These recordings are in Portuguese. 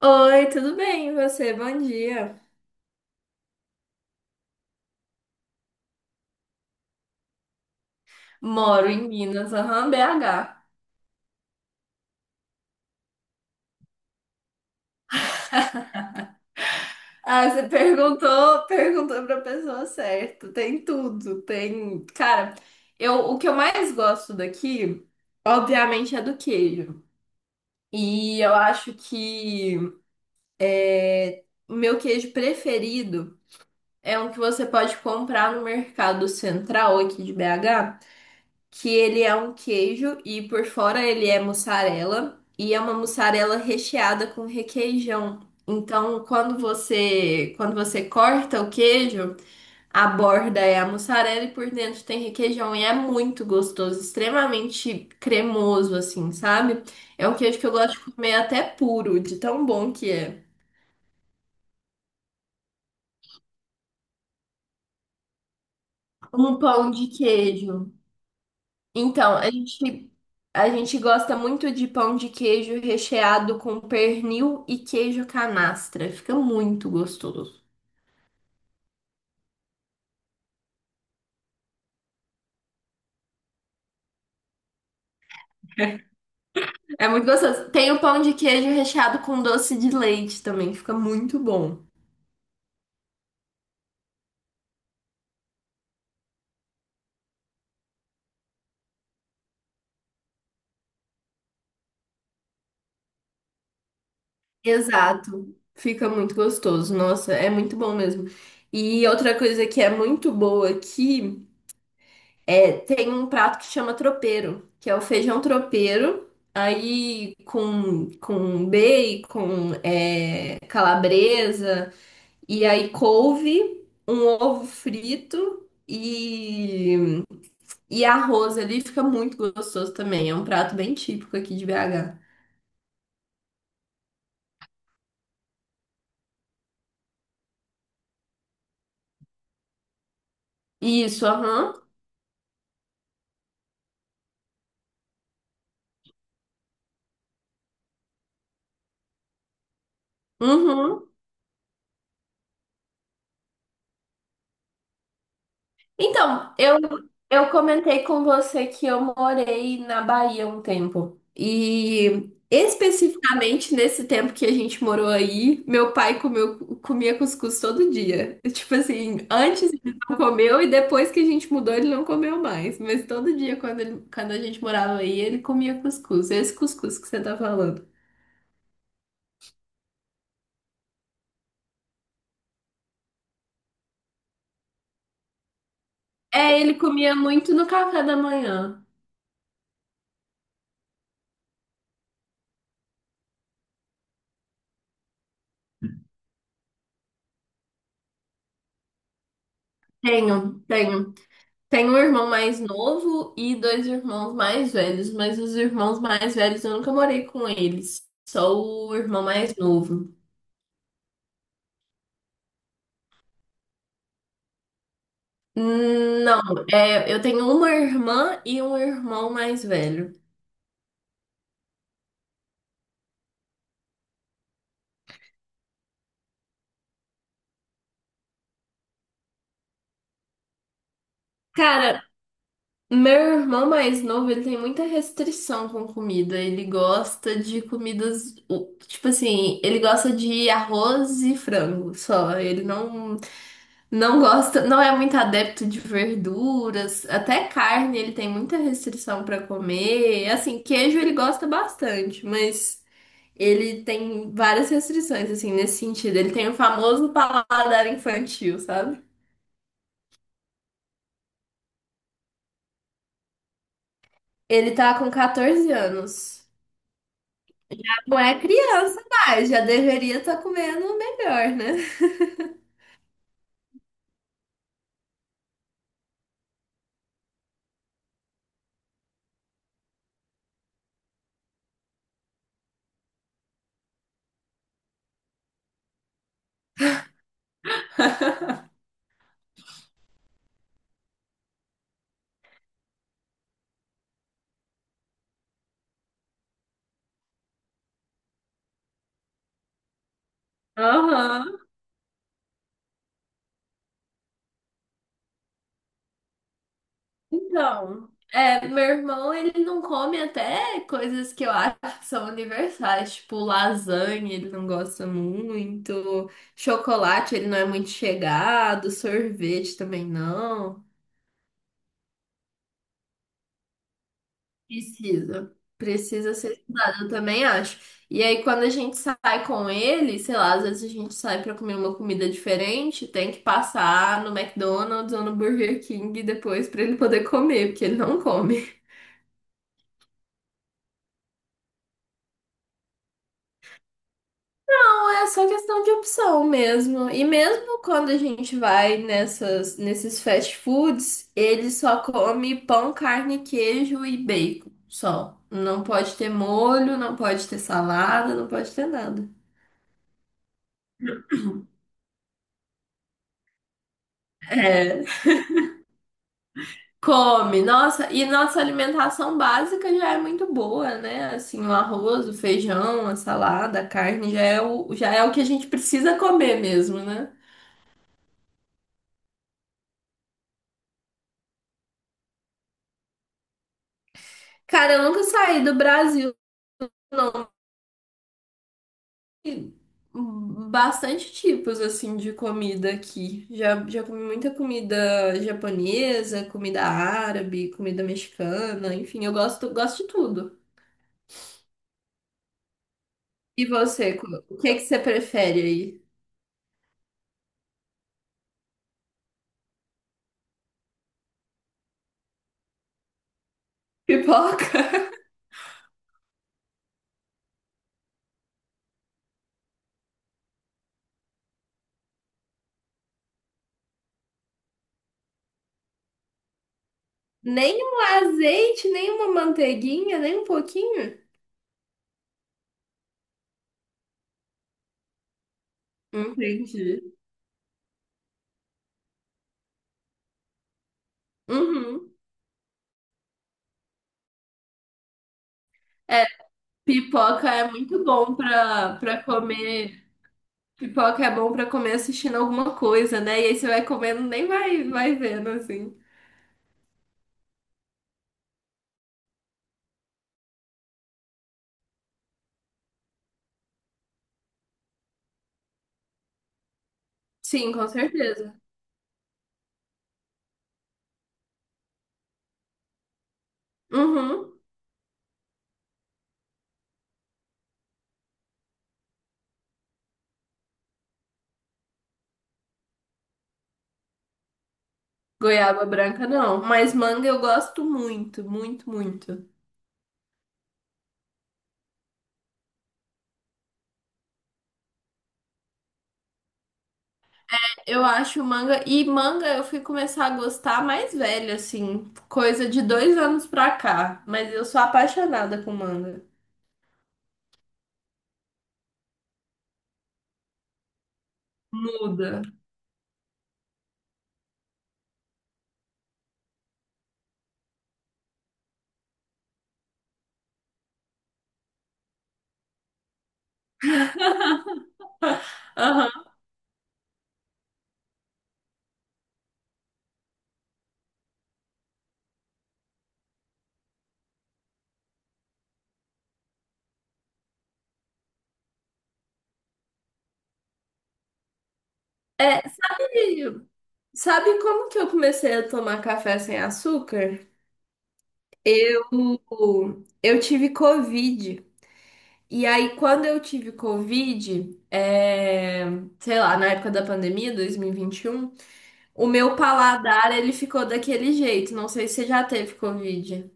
Oi, tudo bem? E você? Bom dia. Moro em Minas, aham, BH. Ah, você perguntou, perguntou pra pessoa certa. Tem tudo, tem. Cara, eu, o que eu mais gosto daqui, obviamente, é do queijo. E eu acho que o meu queijo preferido é um que você pode comprar no Mercado Central aqui de BH. Que ele é um queijo e por fora ele é mussarela e é uma mussarela recheada com requeijão. Então, quando você corta o queijo, a borda é a mussarela e por dentro tem requeijão e é muito gostoso, extremamente cremoso assim, sabe? É um queijo que eu gosto de comer até puro, de tão bom que é. Um pão de queijo. Então, a gente gosta muito de pão de queijo recheado com pernil e queijo canastra. Fica muito gostoso. É muito gostoso. Tem o pão de queijo recheado com doce de leite também. Fica muito bom. Exato. Fica muito gostoso. Nossa, é muito bom mesmo. E outra coisa que é muito boa aqui. É, tem um prato que chama tropeiro, que é o feijão tropeiro, aí com bacon, é, calabresa, e aí couve, um ovo frito e arroz ali, fica muito gostoso também. É um prato bem típico aqui de BH. Isso, aham. Uhum. Então, eu comentei com você que eu morei na Bahia um tempo. E especificamente nesse tempo que a gente morou aí, meu pai comeu, comia cuscuz todo dia. Tipo assim, antes ele não comeu e depois que a gente mudou ele não comeu mais. Mas todo dia quando, quando a gente morava aí, ele comia cuscuz. Esse cuscuz que você tá falando. É, ele comia muito no café da manhã. Tenho, tenho. Tenho um irmão mais novo e dois irmãos mais velhos, mas os irmãos mais velhos eu nunca morei com eles, só o irmão mais novo. Não, é, eu tenho uma irmã e um irmão mais velho. Cara, meu irmão mais novo, ele tem muita restrição com comida. Ele gosta de comidas, tipo assim, ele gosta de arroz e frango só. Ele não, não gosta, não é muito adepto de verduras, até carne ele tem muita restrição para comer. Assim, queijo ele gosta bastante, mas ele tem várias restrições assim nesse sentido. Ele tem o famoso paladar infantil, sabe? Ele tá com 14 anos. Não é criança mais, já deveria estar comendo melhor, né? Aham. Então, é, meu irmão, ele não come até coisas que eu acho que são universais, tipo lasanha, ele não gosta muito, chocolate, ele não é muito chegado, sorvete também não. Precisa, precisa ser estudado, eu também acho. E aí, quando a gente sai com ele, sei lá, às vezes a gente sai pra comer uma comida diferente, tem que passar no McDonald's ou no Burger King depois pra ele poder comer, porque ele não come. É só questão de opção mesmo. E mesmo quando a gente vai nessas, nesses fast foods, ele só come pão, carne, queijo e bacon. Só. Não pode ter molho, não pode ter salada, não pode ter nada. É. Come. Nossa, e nossa alimentação básica já é muito boa, né? Assim, o arroz, o feijão, a salada, a carne já é o que a gente precisa comer mesmo, né? Cara, eu nunca saí do Brasil. Não. Bastante tipos assim de comida aqui. Já, já comi muita comida japonesa, comida árabe, comida mexicana, enfim, eu gosto, gosto de tudo. E você, o que é que você prefere aí? Pipoca? Nem um azeite, nem uma manteiguinha, nem um pouquinho? Entendi. Uhum. É, pipoca é muito bom pra, pra comer. Pipoca é bom pra comer assistindo alguma coisa, né? E aí você vai comendo, nem vai, vai vendo, assim. Sim, com certeza. Uhum. Goiaba branca não, mas manga eu gosto muito, muito, muito. Eu acho manga e manga eu fui começar a gostar mais velha, assim, coisa de dois anos pra cá. Mas eu sou apaixonada com manga. Muda. Aham. É, sabe, sabe como que eu comecei a tomar café sem açúcar? Eu, eu tive Covid. E aí, quando eu tive Covid, é, sei lá, na época da pandemia, 2021, o meu paladar, ele ficou daquele jeito. Não sei se você já teve Covid.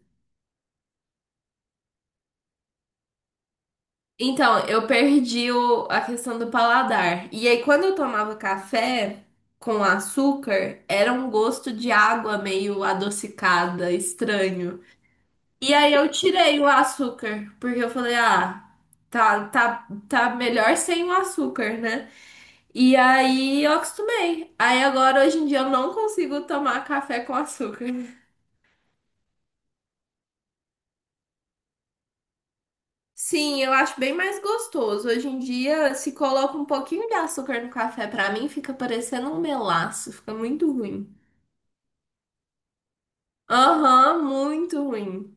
Então, eu perdi a questão do paladar. E aí, quando eu tomava café com açúcar, era um gosto de água meio adocicada, estranho. E aí, eu tirei o açúcar, porque eu falei, ah, tá, tá, tá melhor sem o açúcar, né? E aí eu acostumei. Aí agora, hoje em dia, eu não consigo tomar café com açúcar. Sim, eu acho bem mais gostoso. Hoje em dia, se coloca um pouquinho de açúcar no café, pra mim fica parecendo um melaço, fica muito ruim. Aham, muito ruim.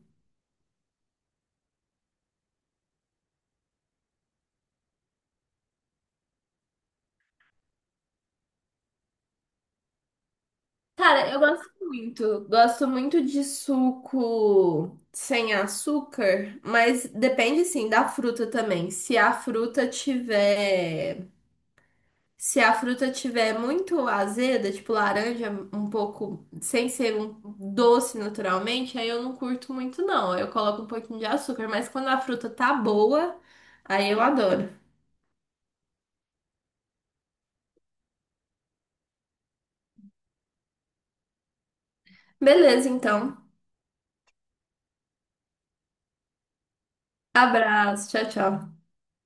Cara, eu gosto muito. Gosto muito de suco sem açúcar, mas depende sim da fruta também. Se a fruta tiver muito azeda, tipo laranja, um pouco, sem ser um doce naturalmente, aí eu não curto muito, não. Aí eu coloco um pouquinho de açúcar, mas quando a fruta tá boa, aí eu adoro. Beleza, então. Abraço, tchau, tchau.